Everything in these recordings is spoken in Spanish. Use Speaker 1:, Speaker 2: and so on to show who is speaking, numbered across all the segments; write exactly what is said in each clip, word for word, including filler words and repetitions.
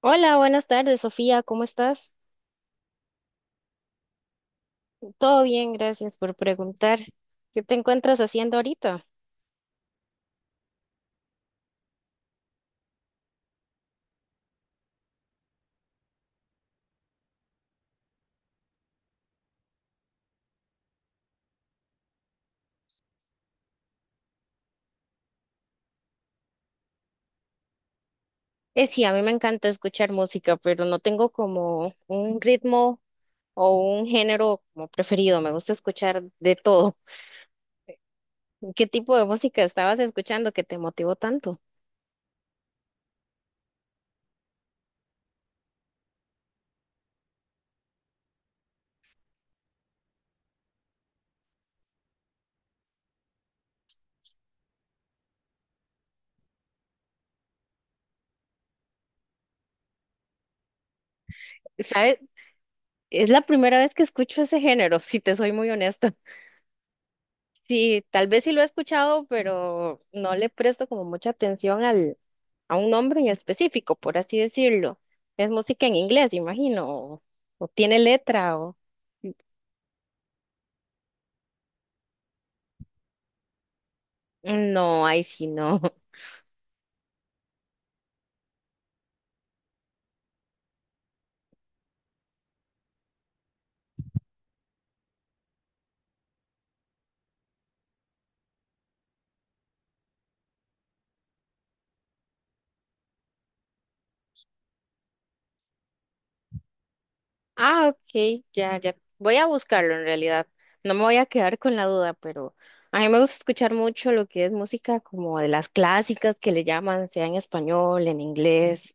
Speaker 1: Hola, buenas tardes, Sofía, ¿cómo estás? Todo bien, gracias por preguntar. ¿Qué te encuentras haciendo ahorita? Eh, sí, a mí me encanta escuchar música, pero no tengo como un ritmo o un género como preferido. Me gusta escuchar de todo. ¿Qué tipo de música estabas escuchando que te motivó tanto? ¿Sabes? Es la primera vez que escucho ese género, si te soy muy honesta. Sí, tal vez sí lo he escuchado, pero no le presto como mucha atención a un nombre en específico, por así decirlo. Es música en inglés, imagino, o, o tiene letra, o... No, ahí sí no. Ah, ok, ya, ya. Voy a buscarlo en realidad. No me voy a quedar con la duda, pero a mí me gusta escuchar mucho lo que es música como de las clásicas que le llaman, sea en español, en inglés.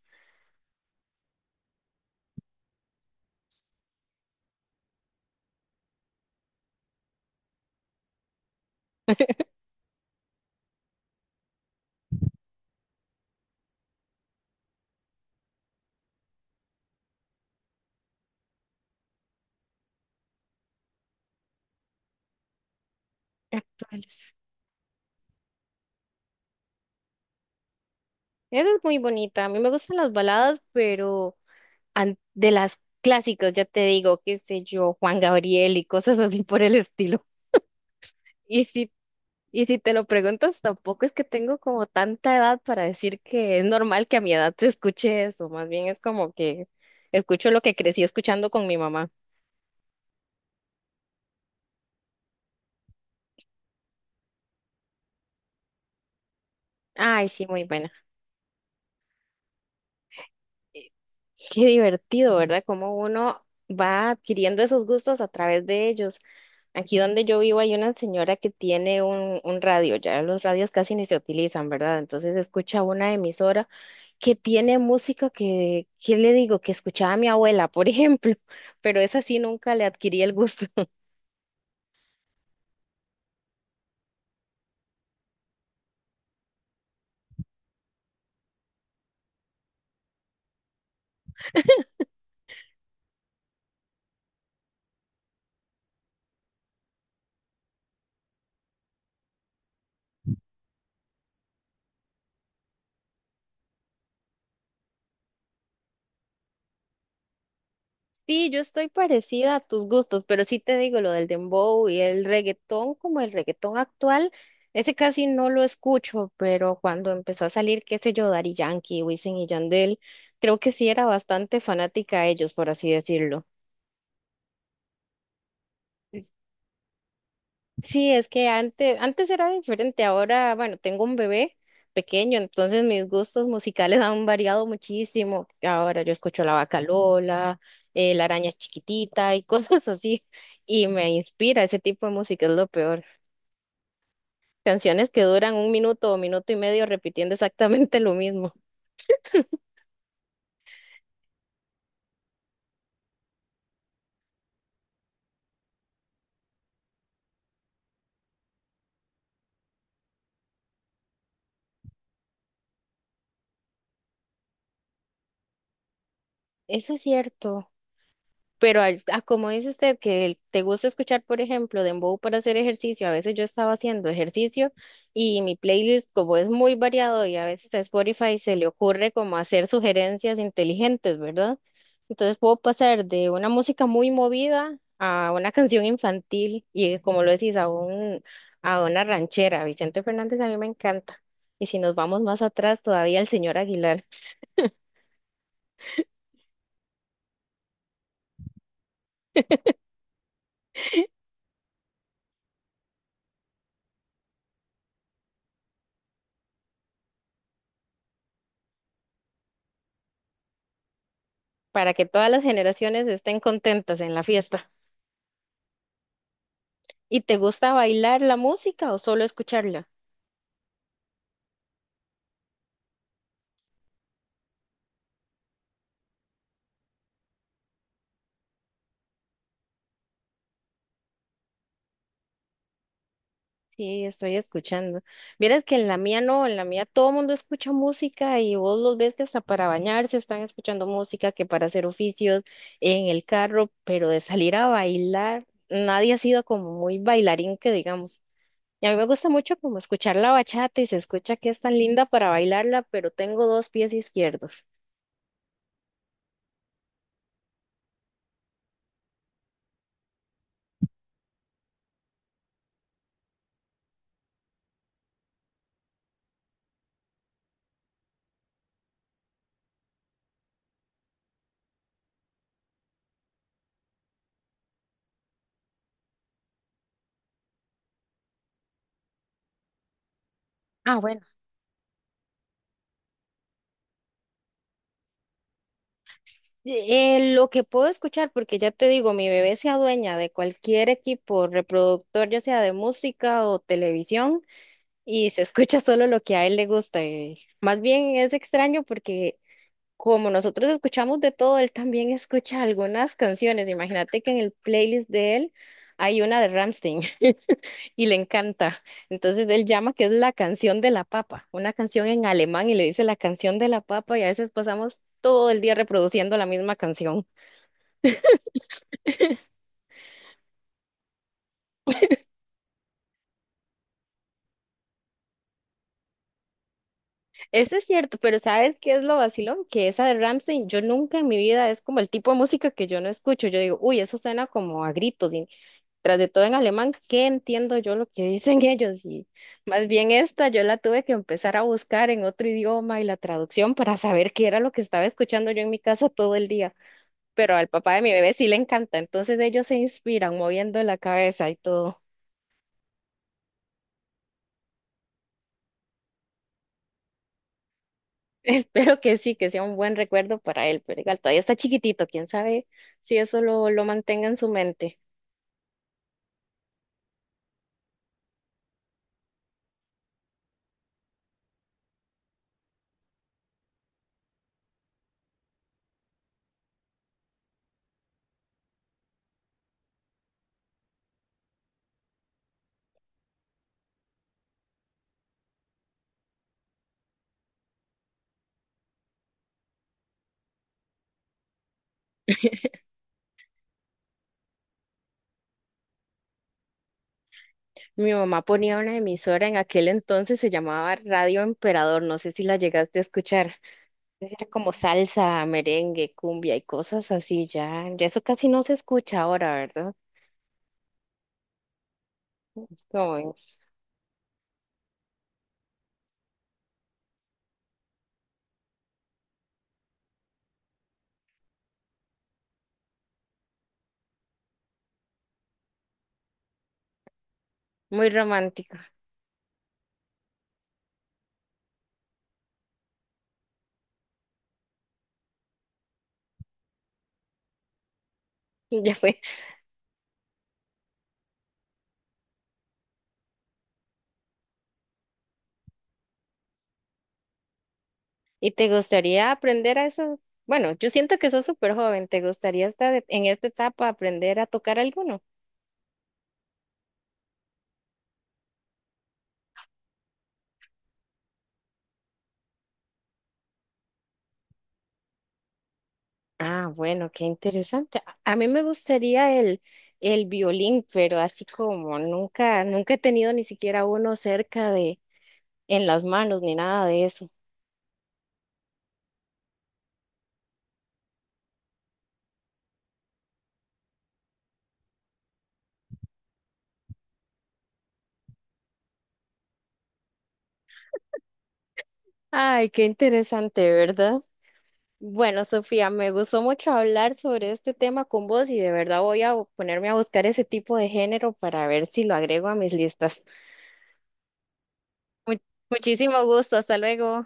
Speaker 1: Actuales. Esa es muy bonita. A mí me gustan las baladas, pero an- de las clásicas, ya te digo, qué sé yo, Juan Gabriel y cosas así por el estilo. Y si Y si te lo preguntas, tampoco es que tengo como tanta edad para decir que es normal que a mi edad se escuche eso. Más bien es como que escucho lo que crecí escuchando con mi mamá. Ay, sí, muy buena. Eh, Qué divertido, ¿verdad? Cómo uno va adquiriendo esos gustos a través de ellos. Aquí donde yo vivo hay una señora que tiene un, un radio, ya los radios casi ni se utilizan, ¿verdad? Entonces escucha una emisora que tiene música que, ¿qué le digo? Que escuchaba a mi abuela, por ejemplo, pero esa sí nunca le adquirí el gusto. Sí, yo estoy parecida a tus gustos, pero sí te digo lo del dembow y el reggaetón, como el reggaetón actual, ese casi no lo escucho, pero cuando empezó a salir, qué sé yo, Daddy Yankee, Wisin y Yandel, creo que sí era bastante fanática a ellos, por así decirlo. Sí, es que antes, antes era diferente, ahora, bueno, tengo un bebé pequeño, entonces mis gustos musicales han variado muchísimo. Ahora yo escucho La Vaca Lola, eh, La Araña Chiquitita y cosas así, y me inspira ese tipo de música, es lo peor. Canciones que duran un minuto o minuto y medio repitiendo exactamente lo mismo. Eso es cierto. Pero al- a como dice usted que el- te gusta escuchar, por ejemplo, dembow para hacer ejercicio, a veces yo estaba haciendo ejercicio y mi playlist, como es muy variado y a veces a Spotify se le ocurre como hacer sugerencias inteligentes, ¿verdad? Entonces puedo pasar de una música muy movida a una canción infantil y como lo decís, a un, a una ranchera. Vicente Fernández a mí me encanta. Y si nos vamos más atrás, todavía el señor Aguilar, para que todas las generaciones estén contentas en la fiesta. ¿Y te gusta bailar la música o solo escucharla? Sí, estoy escuchando. Vieras que en la mía no, en la mía todo el mundo escucha música y vos los ves que hasta para bañarse están escuchando música, que para hacer oficios en el carro, pero de salir a bailar, nadie ha sido como muy bailarín que digamos. Y a mí me gusta mucho como escuchar la bachata y se escucha que es tan linda para bailarla, pero tengo dos pies izquierdos. Ah, Eh, lo que puedo escuchar, porque ya te digo, mi bebé se adueña de cualquier equipo reproductor, ya sea de música o televisión, y se escucha solo lo que a él le gusta. eh. Más bien es extraño porque como nosotros escuchamos de todo, él también escucha algunas canciones. Imagínate que en el playlist de él hay una de Rammstein y le encanta. Entonces él llama que es la canción de la papa, una canción en alemán y le dice la canción de la papa y a veces pasamos todo el día reproduciendo la misma canción. Eso es cierto, pero ¿sabes qué es lo vacilón? Que esa de Rammstein, yo nunca en mi vida es como el tipo de música que yo no escucho. Yo digo, uy, eso suena como a gritos, tras de todo en alemán, ¿qué entiendo yo lo que dicen ellos? Y más bien esta, yo la tuve que empezar a buscar en otro idioma y la traducción para saber qué era lo que estaba escuchando yo en mi casa todo el día. Pero al papá de mi bebé sí le encanta, entonces ellos se inspiran moviendo la cabeza y todo. Espero que sí, que sea un buen recuerdo para él, pero igual todavía está chiquitito, quién sabe si eso lo, lo mantenga en su mente. Mi mamá ponía una emisora en aquel entonces, se llamaba Radio Emperador, no sé si la llegaste a escuchar. Era como salsa, merengue, cumbia y cosas así, ya, ya eso casi no se escucha ahora, ¿verdad? Es como muy romántico, ya fue. ¿Y te gustaría aprender a eso? Bueno, yo siento que sos súper joven, ¿te gustaría estar e-, en esta etapa aprender a tocar alguno? Ah, bueno, qué interesante. A a mí me gustaría el, el violín, pero así como nunca, nunca he tenido ni siquiera uno cerca de, en las manos ni nada de eso. Ay, qué interesante, ¿verdad? Bueno, Sofía, me gustó mucho hablar sobre este tema con vos y de verdad voy a bu- ponerme a buscar ese tipo de género para ver si lo agrego a mis listas. Mu- muchísimo gusto, hasta luego.